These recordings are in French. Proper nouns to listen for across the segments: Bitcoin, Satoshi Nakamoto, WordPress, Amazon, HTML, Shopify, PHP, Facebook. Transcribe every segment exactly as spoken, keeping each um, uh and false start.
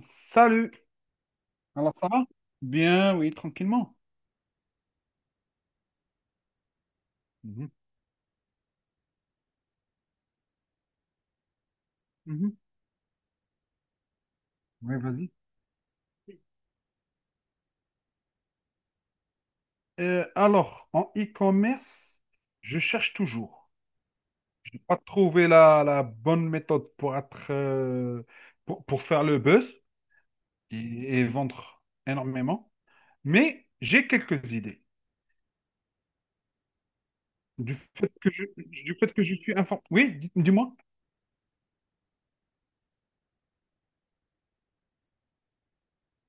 Salut. Alors ça va? Bien, oui, tranquillement. Mhm, mhm. Oui, vas-y. Euh, alors, en e-commerce, je cherche toujours. Je n'ai pas trouvé la, la bonne méthode pour être, euh, pour, pour faire le buzz et, et vendre énormément. Mais j'ai quelques idées. Du fait que je, du fait que je suis informé. Oui, dis- dis-moi.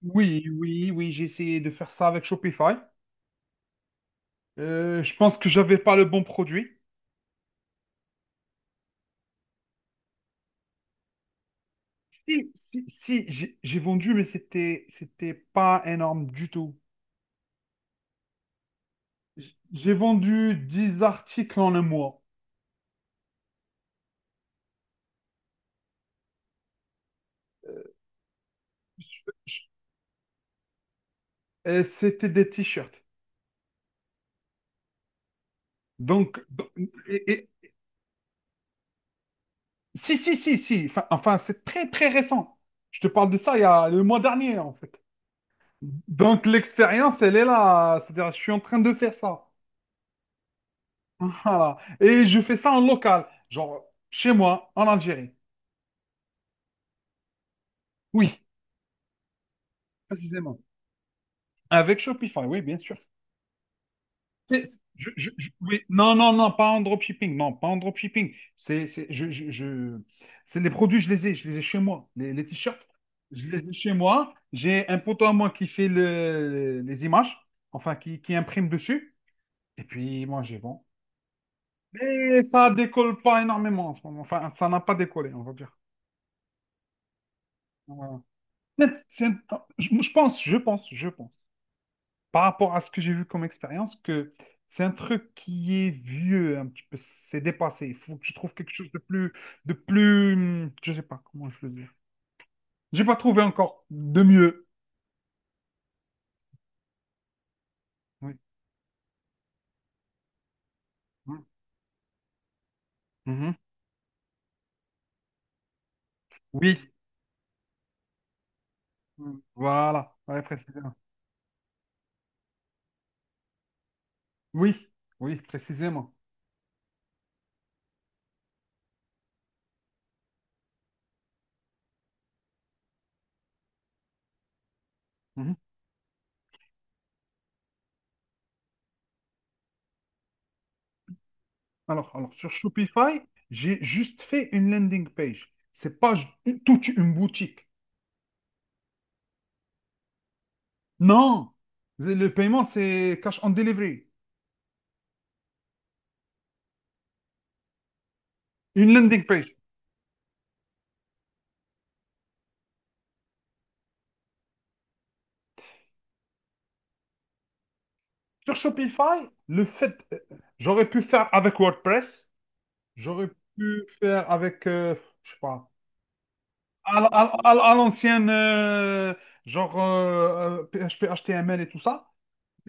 Oui, oui, oui, j'ai essayé de faire ça avec Shopify. Euh, je pense que j'avais pas le bon produit. Si, si, si, j'ai j'ai vendu, mais c'était, c'était pas énorme du tout. J- J'ai vendu dix articles en un mois. Euh, je- et c'était des t-shirts. Donc, donc- et- et- si, si, si, si. Enfin, enfin, c'est très, très récent. Je te parle de ça il y a le mois dernier, en fait. Donc, l'expérience, elle est là. C'est-à-dire, je suis en train de faire ça. Voilà. Et je fais ça en local, genre chez moi, en Algérie. Oui, précisément. Avec Shopify, oui, bien sûr. C'est- c'est- je- je- je- oui. Non, non, non, pas en dropshipping. Non, pas en dropshipping. C'est, c'est, je, je, je- c'est les produits, je les ai, je les ai chez moi. Les, les t-shirts, je les ai chez moi. J'ai un poteau à moi qui fait le- les images, enfin, qui, qui imprime dessus. Et puis, moi, j'ai bon. Mais ça décolle pas énormément en ce moment. Enfin, ça n'a pas décollé, on va dire. Voilà. peut c'est- Je, je pense, je pense, je pense. Par rapport à ce que j'ai vu comme expérience, que c'est un truc qui est vieux, un petit peu, c'est dépassé. Il faut que je trouve quelque chose de plus, de plus, hum, je sais pas comment je le dis. J'ai pas trouvé encore de mieux. Oui. Hum, mhm. Oui. Hum, voilà, Ouais, précisément. Oui, oui, précisément. Mhm. Alors, alors, sur Shopify, j'ai juste fait une landing page. C'est pas j- Toute une boutique. Non, le paiement, c'est cash on delivery. Une landing page. Sur Shopify, le fait, euh, j'aurais pu faire avec WordPress, j'aurais pu faire avec, euh, je sais pas, à, l- à l- à l- à l'ancienne, euh, genre euh, euh, P H P, H T M L et tout ça.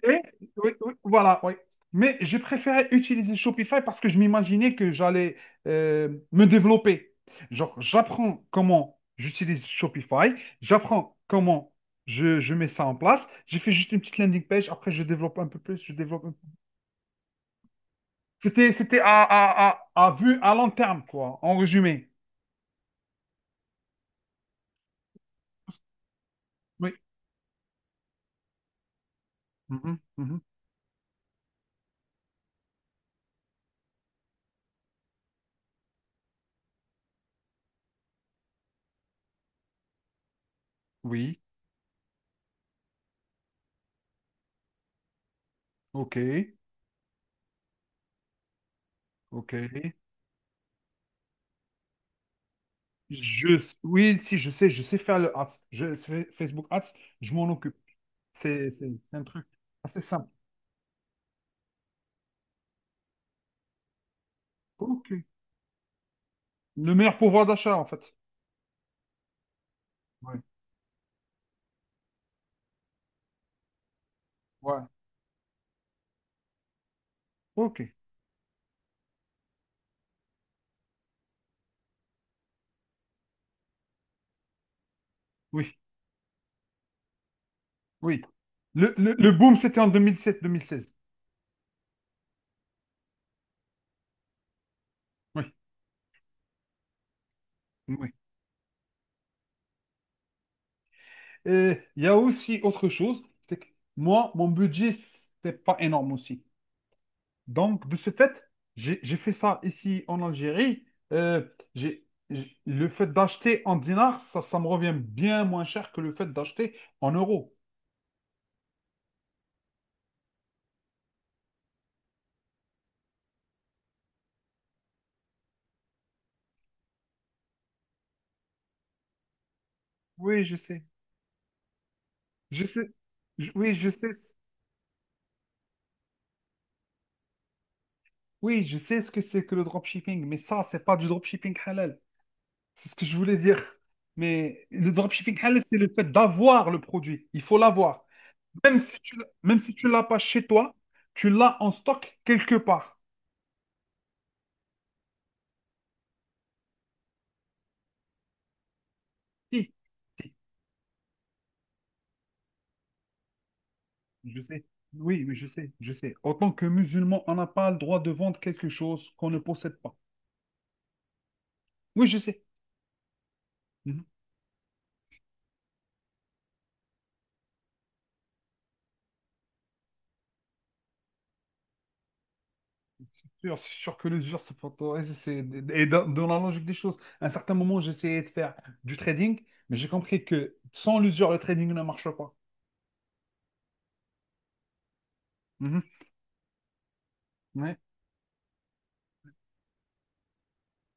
Et oui, oui, voilà, oui. Mais j'ai préféré utiliser Shopify parce que je m'imaginais que j'allais euh, me développer. Genre, j'apprends comment j'utilise Shopify, j'apprends comment je, je mets ça en place. J'ai fait juste une petite landing page, après je développe un peu plus, je développe un peu. C'était, c'était à, à, à, à vue à long terme, quoi, en résumé. Oui. Mhm, mhm. Oui. OK. OK. Je, oui, si, je sais, je sais faire le ads. Je, fais- Facebook ads, je m'en occupe. C'est, c'est, c'est un truc assez simple. OK. Le meilleur pouvoir d'achat, en fait. Ouais. Ouais. OK. Oui. Oui. Le, le, le boom, c'était en deux deux mille sept deux mille seize. Oui. Oui. Et il y a aussi autre chose, c'est que moi, mon budget, c'est pas énorme aussi. Donc, de ce fait, j'ai j'ai fait ça ici en Algérie. Euh, j'ai, j'ai- le fait d'acheter en dinars, ça, ça me revient bien moins cher que le fait d'acheter en euros. Oui, je sais. Je sais, je- oui, je sais, ce- oui, je sais ce que c'est que le dropshipping, mais ça, c'est pas du dropshipping halal. C'est ce que je voulais dire. Mais le dropshipping halal, c'est le fait d'avoir le produit. Il faut l'avoir. Même si tu, l- même si tu l'as pas chez toi, tu l'as en stock quelque part. Si. Si. Je sais. Oui, oui, je sais, je sais. En tant que musulman, on n'a pas le droit de vendre quelque chose qu'on ne possède pas. Oui, je sais. Mhm. C'est sûr, c'est sûr que l'usure, c'est pas toi. Et c'est- et dans, dans la logique des choses, à un certain moment, j'essayais de faire du trading, mais j'ai compris que sans l'usure, le trading ne marche pas. Mhm. Ouais,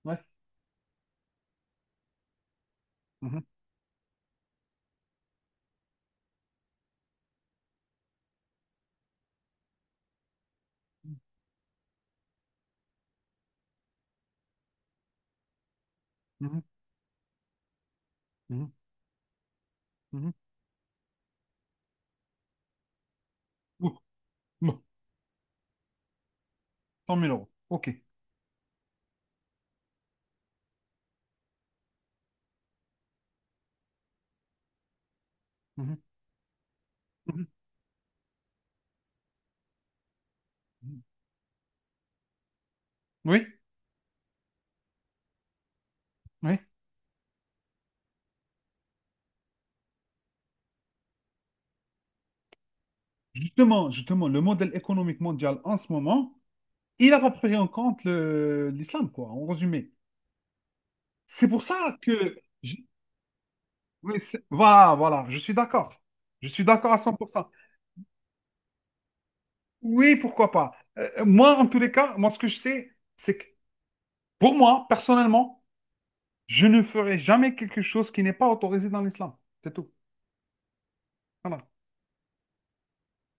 ouais. Mhm. Mhm. Mhm. Mhm. Ouh, bon, cent mille euros. OK. Mhm. Mhm. Mhm. Oui, oui. Justement, justement, le modèle économique mondial en ce moment, il n'a pas pris en compte le- l'islam, quoi, en résumé. C'est pour ça que... je- oui, c'est- voilà, voilà, je suis d'accord. Je suis d'accord à cent pour cent. Oui, pourquoi pas. Euh, moi, en tous les cas, moi, ce que je sais, c'est que pour moi, personnellement, je ne ferai jamais quelque chose qui n'est pas autorisé dans l'islam. C'est tout. Voilà.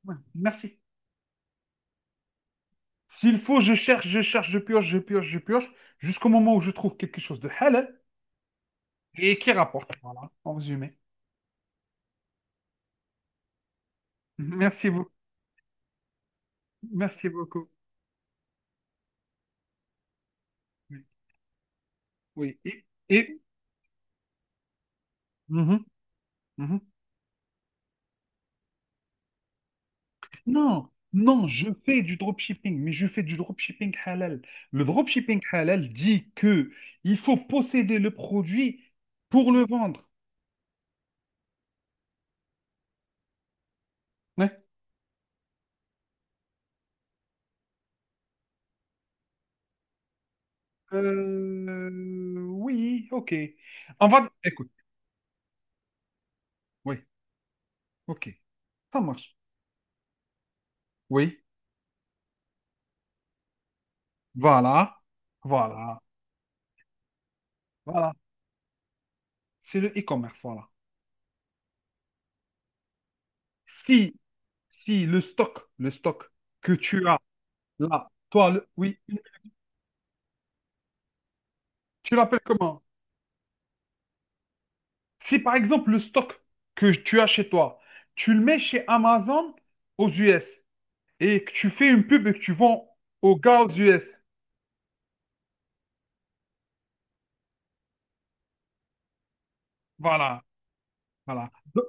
Ouais, merci. S'il faut, je cherche, je cherche, je pioche, je pioche, je pioche, jusqu'au moment où je trouve quelque chose de halal et qui rapporte. Voilà, en résumé. Merci beaucoup. Merci beaucoup. Oui. Oui. Et, et- Mhm, mhm. Non, non, je fais du dropshipping, mais je fais du dropshipping halal. Le dropshipping halal dit que il faut posséder le produit pour le vendre. Ouais. Euh, oui, ok. On va, écoute, oui, ok, ça marche. Oui, voilà, voilà, voilà. C'est le e-commerce, voilà. Si, si le stock, le stock que tu as là, toi, le- oui, tu l'appelles comment? Si par exemple le stock que tu as chez toi, tu le mets chez Amazon aux U S et que tu fais une pub et que tu vends aux gars aux U S. Voilà, voilà. Do-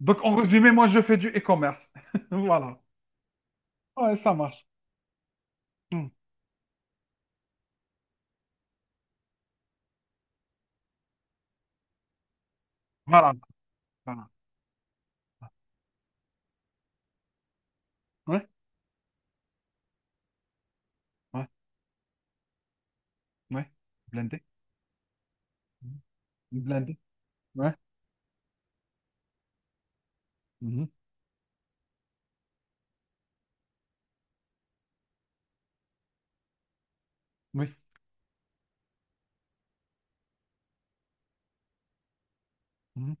Donc en résumé, moi je fais du e-commerce. Voilà. Ouais, ça marche. Hmm. Voilà, voilà. Ouais, ouais, ouais. Blindé. Mhm. Blindé. Ouais. Mhm. Oui. Mhm.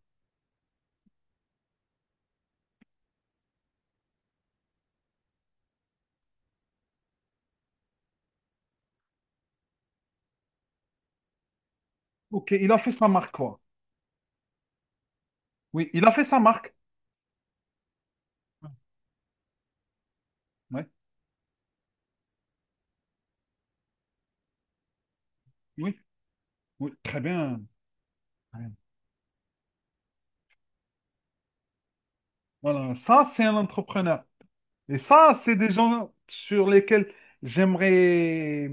Ok, il a fait sa marque, quoi. Oui, il a fait sa marque. Ouais. Oui, oui, très bien. Très bien. Voilà, ça c'est un entrepreneur. Et ça, c'est des gens sur lesquels j'aimerais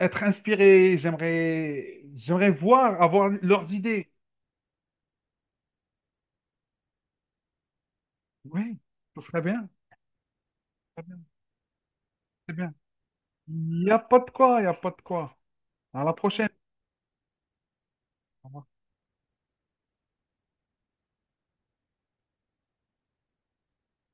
être inspiré, j'aimerais, j'aimerais voir, avoir leurs idées. Oui, ce serait bien, très bien, très bien. Il n'y a pas de quoi, il n'y a pas de quoi. À la prochaine. Au revoir.